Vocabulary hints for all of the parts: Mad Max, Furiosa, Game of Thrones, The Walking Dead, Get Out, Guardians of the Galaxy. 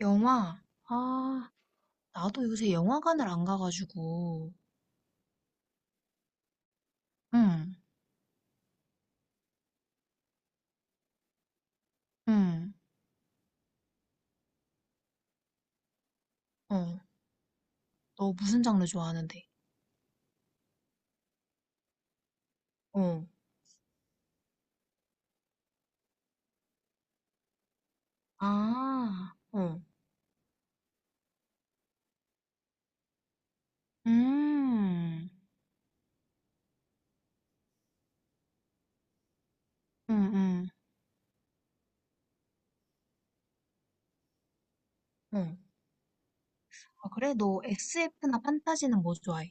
영화, 나도 요새 영화관을 안 가가지고, 응, 응, 어, 너 무슨 장르 좋아하는데? 어, 아, 어, 음, 응, 응, 응. 아, 그래? 너 SF나 판타지는 뭐 좋아해?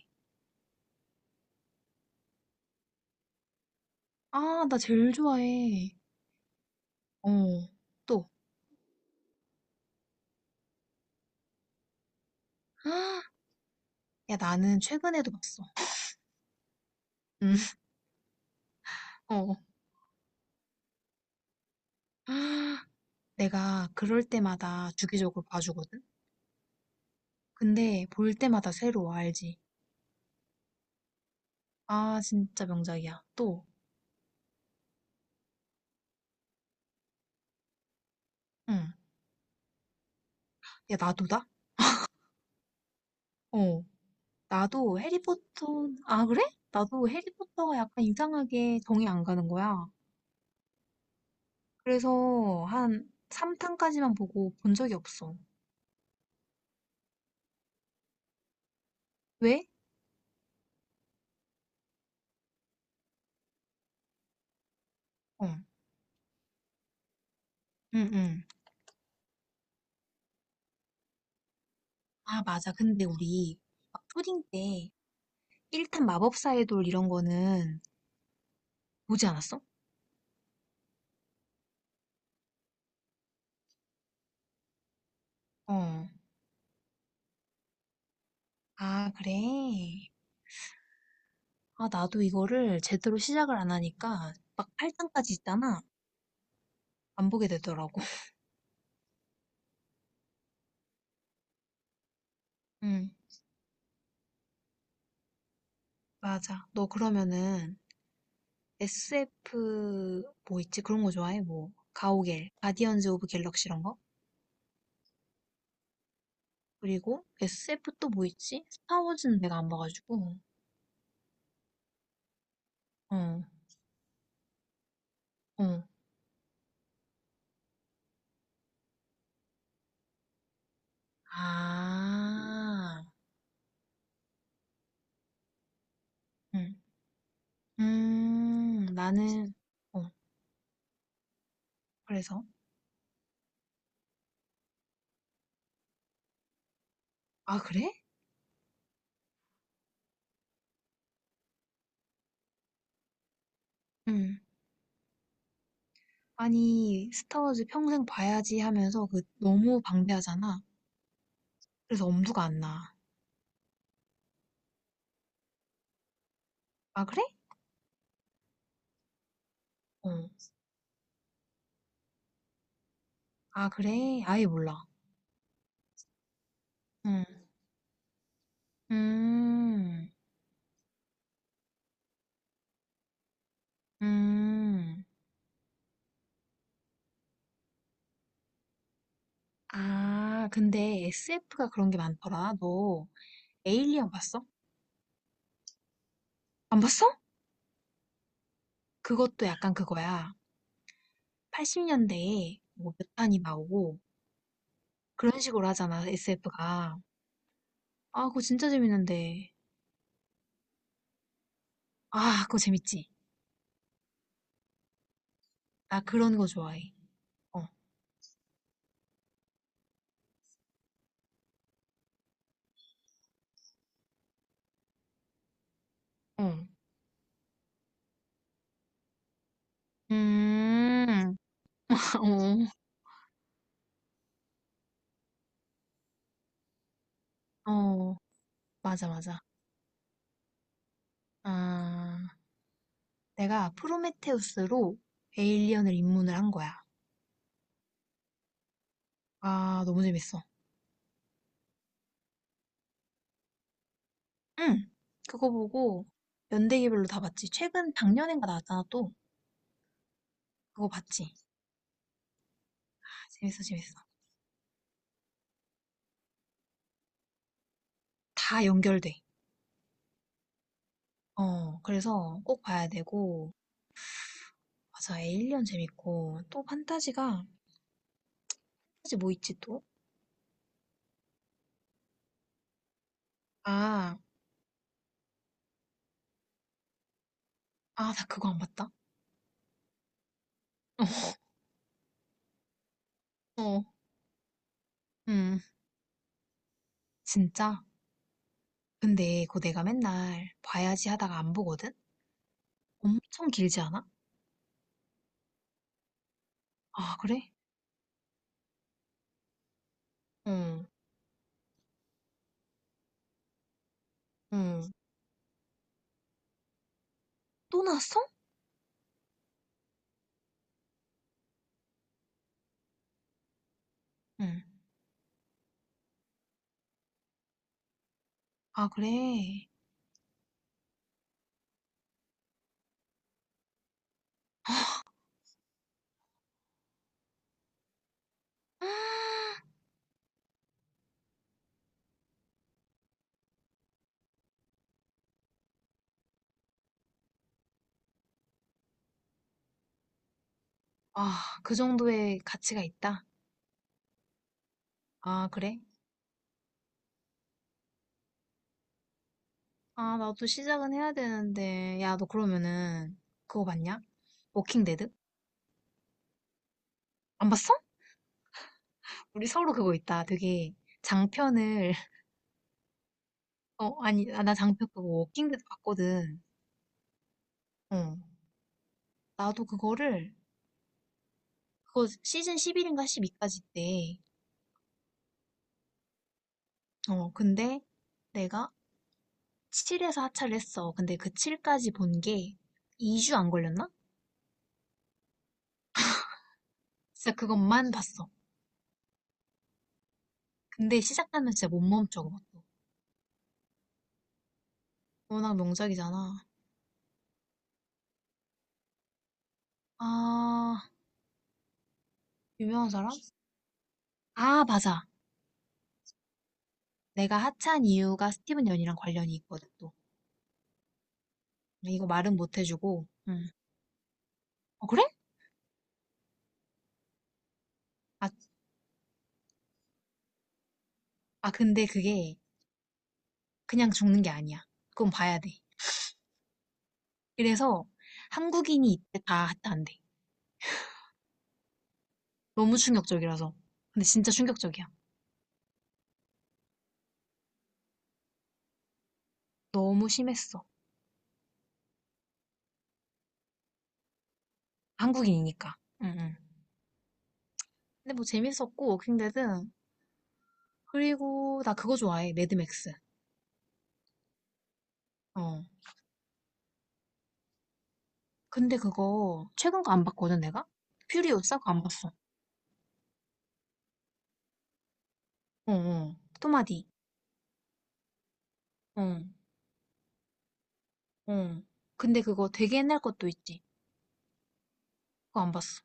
아, 나 제일 좋아해. 어, 또, 아, 야, 나는 최근에도 봤어. 응, 어, 아, 내가 그럴 때마다 주기적으로 봐주거든? 근데 볼 때마다 새로워, 알지? 아, 진짜 명작이야. 또, 응. 야, 나도다? 어. 나도 해리포터, 아, 그래? 나도 해리포터가 약간 이상하게 정이 안 가는 거야. 그래서 한 3탄까지만 보고 본 적이 없어. 왜? 어. 응, 응. 아, 맞아. 근데 우리 막 초딩 때 1탄 마법사의 돌 이런 거는 보지 않았어? 어. 아, 그래? 아, 나도 이거를 제대로 시작을 안 하니까 막 8탄까지 있잖아. 안 보게 되더라고. 응, 맞아. 너 그러면은 SF 뭐 있지? 그런 거 좋아해? 뭐 가오갤, 가디언즈 오브 갤럭시 이런 거? 그리고 SF 또 뭐 있지? 스타워즈는 내가 안 봐가지고. 어, 어. 아, 응. 나는 어, 그래서 아, 그래? 응. 아니, 스타워즈 평생 봐야지 하면서 그 너무 방대하잖아. 그래서 엄두가 안 나. 아, 그래? 어. 아, 그래? 아예 몰라. 응. 음. 음. 아, 근데 SF가 그런 게 많더라. 너 에일리언 봤어? 안 봤어? 그것도 약간 그거야. 80년대에 뭐 몇 탄이 나오고 그런 식으로 하잖아, SF가. 아, 그거 진짜 재밌는데. 아, 그거 재밌지? 나 그런 거 좋아해. 어, 어. 음, 어, 어, 맞아, 맞아. 아, 내가 프로메테우스로 에일리언을 입문을 한 거야. 아, 너무 재밌어. 응. 그거 보고 연대기별로 다 봤지. 최근 작년인가 나왔잖아, 또. 그거 봤지. 아, 재밌어, 재밌어. 다 연결돼. 어, 그래서 꼭 봐야 되고. 맞아, 에일리언 재밌고. 또 판타지가, 판타지 뭐 있지 또? 아, 아, 나 그거 안 봤다. 어, 음, 진짜. 근데 그거 내가 맨날 봐야지 하다가 안 보거든? 엄청 길지 않아? 아, 그래? 응, 응. 또 나왔어? 응. 아, 그래. 아, 그 정도의 가치가 있다? 아, 그래? 아, 나도 시작은 해야 되는데. 야, 너 그러면은 그거 봤냐? 워킹 데드? 안 봤어? 우리 서로 그거 있다. 되게 장편을 어, 아니, 아, 나 장편 그거 워킹 데드 봤거든. 어. 나도 그거를 그거 시즌 11인가 12까지 있대. 어, 근데 내가 7에서 하차를 했어. 근데 그 7까지 본 게 2주 안 걸렸나? 진짜 그것만 봤어. 근데 시작하면 진짜 못 멈춰. 그것도. 워낙 명작이잖아. 아, 유명한 사람? 아, 맞아. 내가 하차한 이유가 스티븐 연이랑 관련이 있거든, 또. 이거 말은 못 해주고. 응. 어, 그래? 아, 아, 근데 그게 그냥 죽는 게 아니야. 그건 봐야 돼. 그래서 한국인이 이때 다 하차 안 돼. 너무 충격적이라서. 근데 진짜 충격적이야. 너무 심했어. 한국인이니까. 응, 응. 근데 뭐 재밌었고, 워킹데드. 그리고 나 그거 좋아해. 매드맥스. 어. 근데 그거 최근 거 안 봤거든 내가? 퓨리오사 그거 안 봤어. 어, 어, 토마디. 어, 어. 근데 그거 되게 옛날 것도 있지. 그거 안 봤어.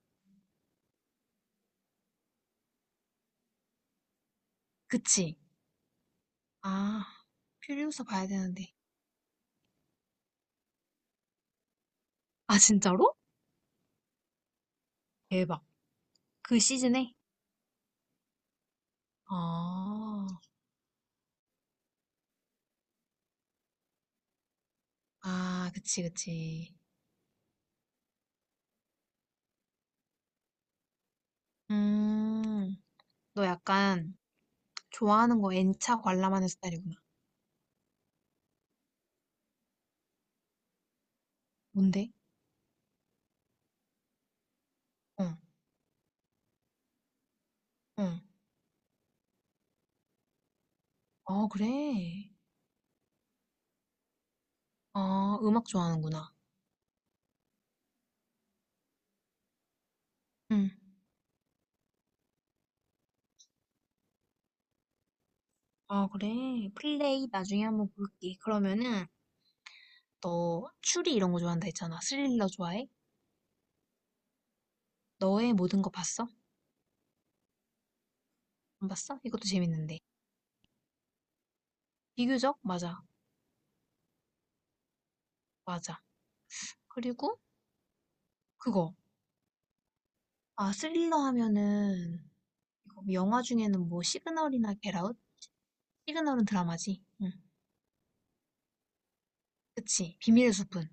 그치? 아, 퓨리오사 봐야 되는데. 아, 진짜로? 대박. 그 시즌에? 아, 아, 그치, 그치. 음, 너 약간 좋아하는 거 N차 관람하는 스타일이구나. 뭔데? 어, 어. 아, 그래. 아, 음악 좋아하는구나. 응. 아, 그래. 플레이 나중에 한번 볼게. 그러면은, 너 추리 이런 거 좋아한다 했잖아. 스릴러 좋아해? 너의 모든 거 봤어? 안 봤어? 이것도 재밌는데. 비교적? 맞아. 맞아. 그리고 그거. 아, 스릴러 하면은, 이거 영화 중에는 뭐 시그널이나 겟아웃? 시그널은 드라마지. 응. 그치. 비밀의 숲은.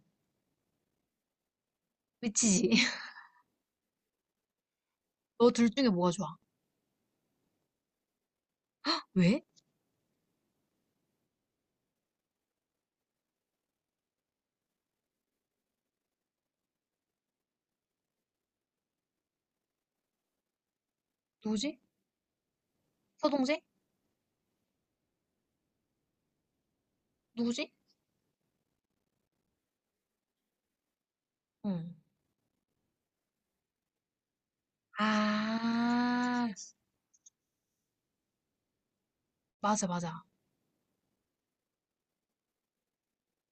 미치지. 너 둘 중에 뭐가 좋아? 왜? 누구지? 서동재? 누구지? 응. 아, 맞아, 맞아.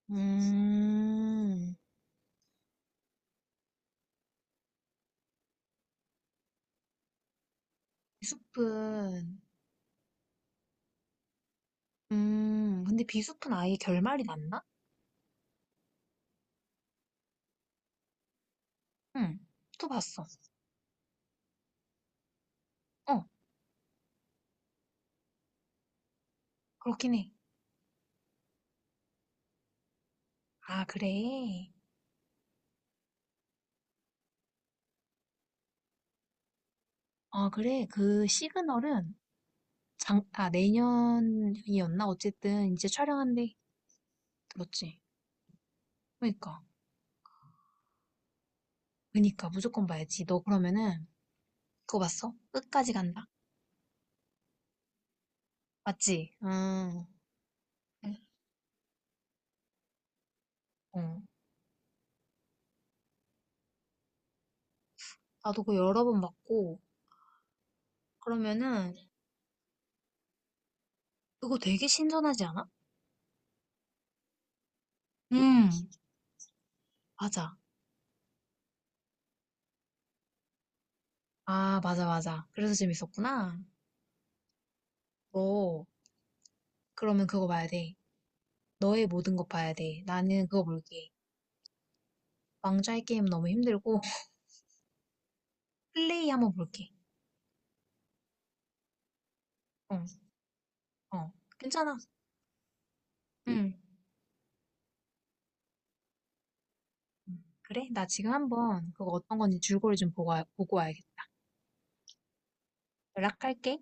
음. 비숲은, 근데 비숲은 아예 결말이 났나? 응, 또 봤어. 어, 그렇긴 해. 아, 그래. 아, 그래. 그 시그널은 장, 아, 내년이었나? 어쨌든 이제 촬영한대. 들었지? 그니까. 그니까, 무조건 봐야지. 너 그러면은 그거 봤어? 끝까지 간다. 맞지? 응. 응. 어. 나도 그거 여러 번 봤고, 그러면은 그거 되게 신선하지 않아? 응, 맞아. 아, 맞아, 맞아. 그래서 재밌었구나. 너 그러면 그거 봐야 돼. 너의 모든 것 봐야 돼. 나는 그거 볼게. 왕좌의 게임 너무 힘들고 플레이 한번 볼게. 어, 어, 괜찮아. 응. 그래, 나 지금 한번 그거 어떤 건지 줄거리 좀 보고, 와- 보고 와야겠다. 연락할게.